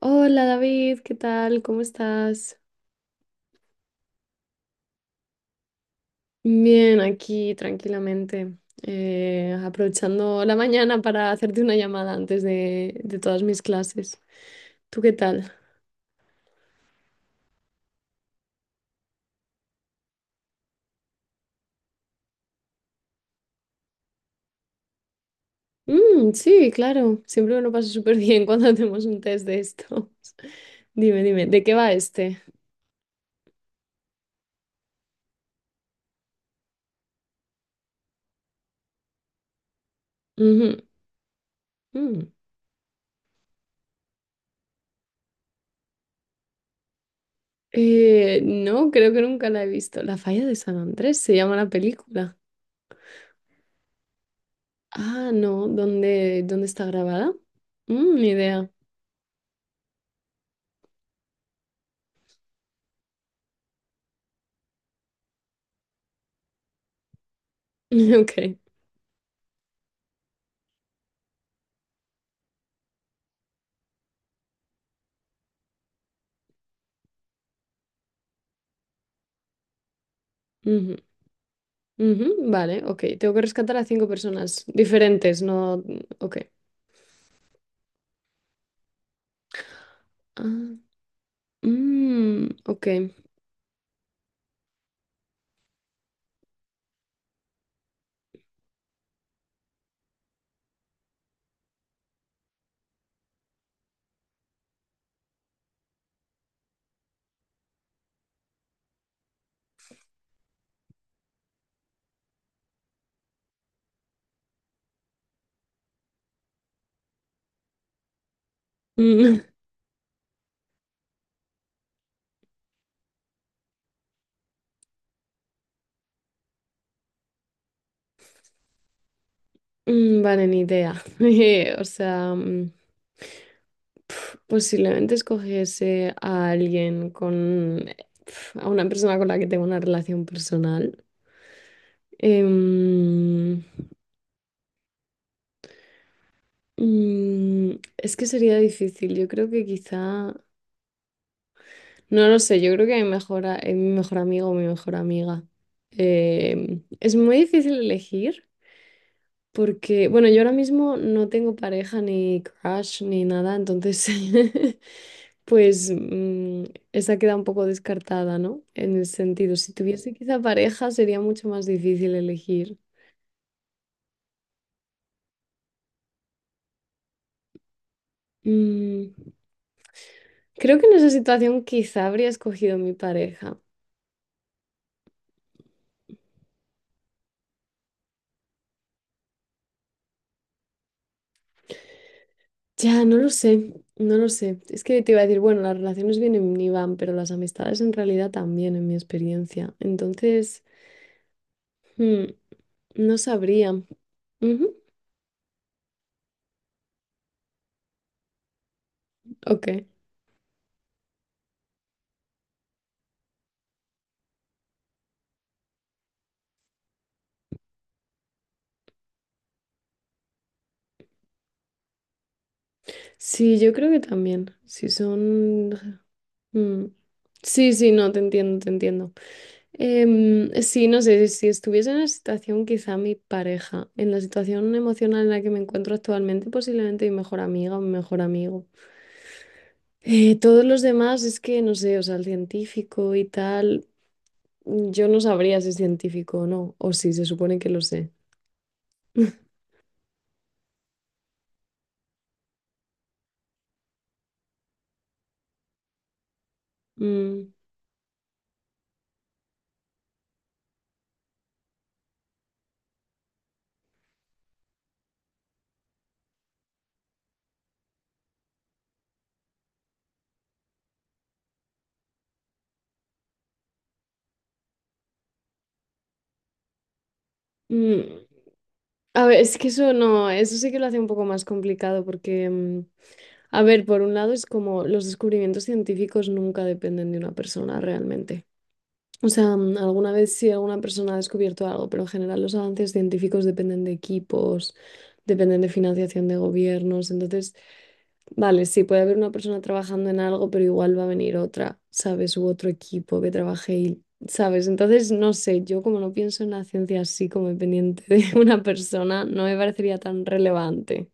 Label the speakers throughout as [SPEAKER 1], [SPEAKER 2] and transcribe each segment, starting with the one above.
[SPEAKER 1] Hola David, ¿qué tal? ¿Cómo estás? Bien, aquí tranquilamente, aprovechando la mañana para hacerte una llamada antes de todas mis clases. ¿Tú qué tal? Sí, claro, siempre me lo paso súper bien cuando hacemos un test de estos. Dime, dime, ¿de qué va este? Ujú, mm. No, creo que nunca la he visto. La Falla de San Andrés se llama la película. Ah, no, ¿dónde está grabada? Mm, ni idea. Ok. Ujú. Ujú, vale, ok. Tengo que rescatar a cinco personas diferentes, no. Ok. Ah, mm, ok. Mm, vale, ni idea. O sea, pf, posiblemente escogiese a alguien con. Pf, a una persona con la que tengo una relación personal. Em, mm, es que sería difícil. Yo creo que quizá. No lo sé, yo creo que mi mejor amigo o mi mejor amiga. Es muy difícil elegir porque, bueno, yo ahora mismo no tengo pareja ni crush ni nada, entonces, pues esa queda un poco descartada, ¿no? En el sentido, si tuviese quizá pareja sería mucho más difícil elegir. Mm, Creo que en esa situación quizá habría escogido mi pareja. Ya, no lo sé, no lo sé. Es que te iba a decir, bueno, las relaciones vienen y van, pero las amistades en realidad también, en mi experiencia. Entonces, hmm, no sabría. Ujú. Ok. Sí, yo creo que también. Si son… Mm. Sí, sí, no, te entiendo, te entiendo. Sí, no sé, si estuviese en la situación, quizá mi pareja, en la situación emocional en la que me encuentro actualmente, posiblemente mi mejor amiga o mi mejor amigo. Todos los demás es que no sé, o sea, el científico y tal, yo no sabría si es científico o no, o si se supone que lo sé. Mm, mm. A ver, es que eso no, eso sí que lo hace un poco más complicado porque, a ver, por un lado es como los descubrimientos científicos nunca dependen de una persona realmente. O sea, alguna vez sí alguna persona ha descubierto algo, pero en general los avances científicos dependen de equipos, dependen de financiación de gobiernos. Entonces, vale, sí, puede haber una persona trabajando en algo, pero igual va a venir otra, ¿sabes? U otro equipo que trabaje y, ¿sabes? Entonces, no sé, yo como no pienso en la ciencia así como dependiente de una persona, no me parecería tan relevante.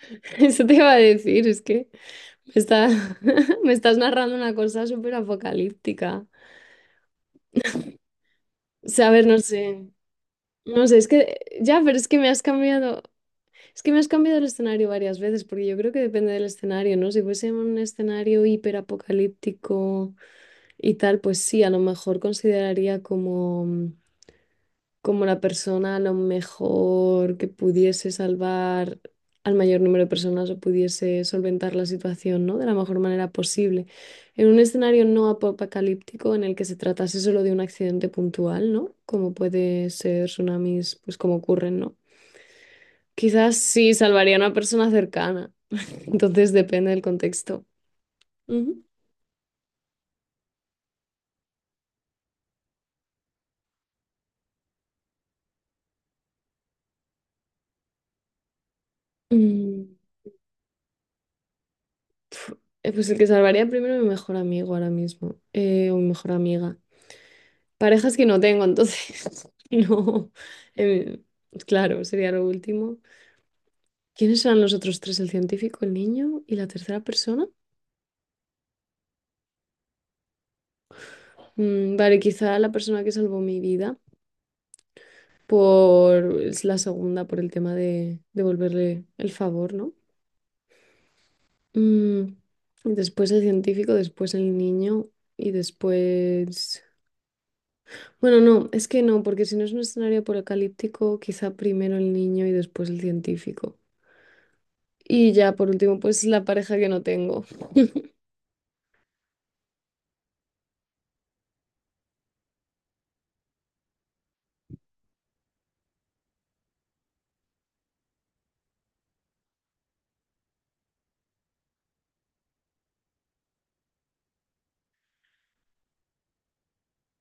[SPEAKER 1] Eso te iba a decir, es que me está- me estás narrando una cosa súper apocalíptica. O sea, a ver, no sé. No sé, es que ya, pero es que me has cambiado, es que me has cambiado el escenario varias veces, porque yo creo que depende del escenario, ¿no? Si fuese un escenario hiperapocalíptico y tal, pues sí, a lo mejor como la persona a lo mejor que pudiese salvar al mayor número de personas o pudiese solventar la situación, ¿no? De la mejor manera posible. En un escenario no apocalíptico en el que se tratase solo de un accidente puntual, ¿no? Como puede ser tsunamis, pues como ocurren, ¿no? Quizás sí salvarían a persona cercana. Entonces depende del contexto. Ujú. Mm, pf, pues el que salvaría primero mi mejor amigo ahora mismo. Eh, o mi mejor amiga. Parejas que no tengo, entonces no. Em, claro, sería lo último. ¿Quiénes eran los otros tres? El científico, el niño y la tercera persona. Mm, vale, quizá la persona que salvó mi vida por es la segunda, por el tema de devolverle el favor, ¿no? Mm, después el científico, después el niño y después… Bueno, no, es que no, porque si no es un escenario apocalíptico, quizá primero el niño y después el científico. Y ya por último, pues la pareja que no tengo.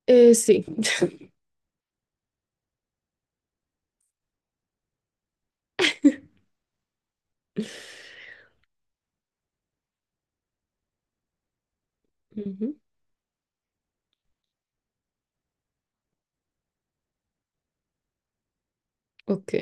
[SPEAKER 1] Sí. Ujú. Ok.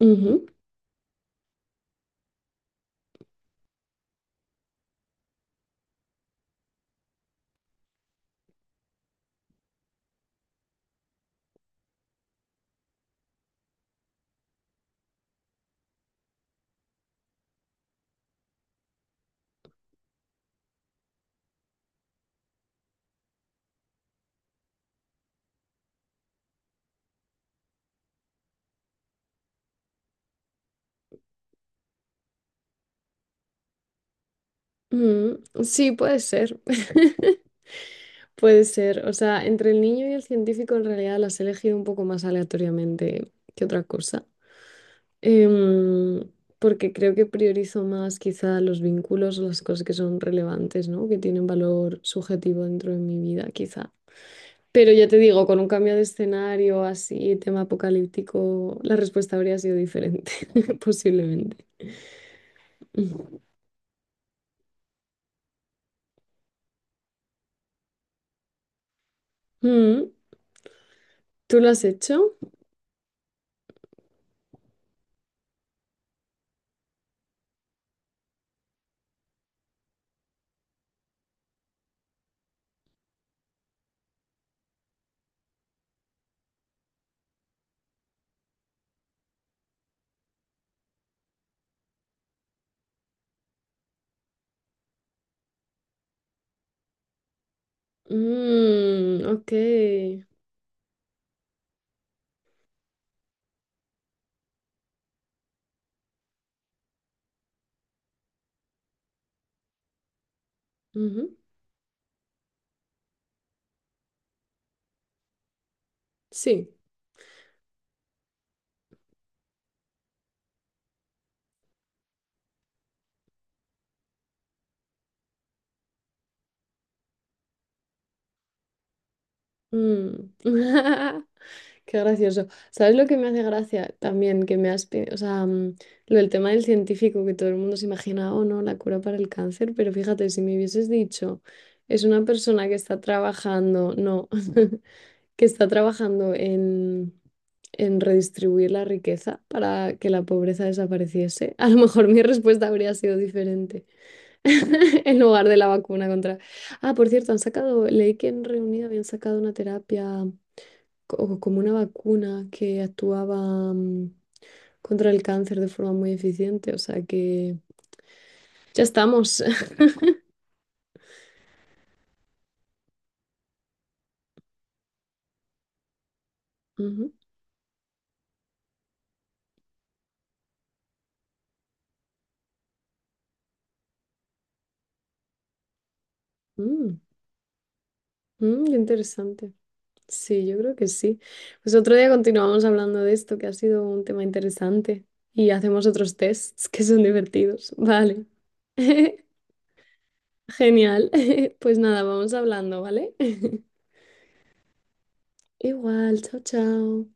[SPEAKER 1] Ujú, mm, sí, puede ser. Puede ser. O sea, entre el niño y el científico en realidad las he elegido un poco más aleatoriamente que otra cosa. Em, Porque creo que priorizo más quizá los vínculos, las cosas que son relevantes, ¿no? Que tienen valor subjetivo dentro de mi vida, quizá. Pero ya te digo, con un cambio de escenario así, tema apocalíptico, la respuesta habría sido diferente, posiblemente. Mm, ¿tú lo has hecho? Mm, ok. Ujú. Sí. Mm. Qué gracioso. ¿Sabes lo que me hace gracia también? Que me has, pe- o sea, mm, lo del tema del científico, que todo el mundo se imagina, oh no, la cura para el cáncer, pero fíjate, si me hubieses dicho, es una persona que está trabajando, no, que está trabajando en redistribuir la riqueza para que la pobreza desapareciese, a lo mejor mi respuesta habría sido diferente en lugar de la vacuna contra… Ah, por cierto, han sacado, leí que en Reunido habían sacado una terapia como una vacuna que actuaba contra el cáncer de forma muy eficiente. O sea que ya estamos. Ujú. Mm, qué interesante. Sí, yo creo que sí. Pues otro día continuamos hablando de esto, que ha sido un tema interesante. Y hacemos otros tests que son divertidos. Vale. Genial. Pues nada, vamos hablando, ¿vale? Igual, chao, chao.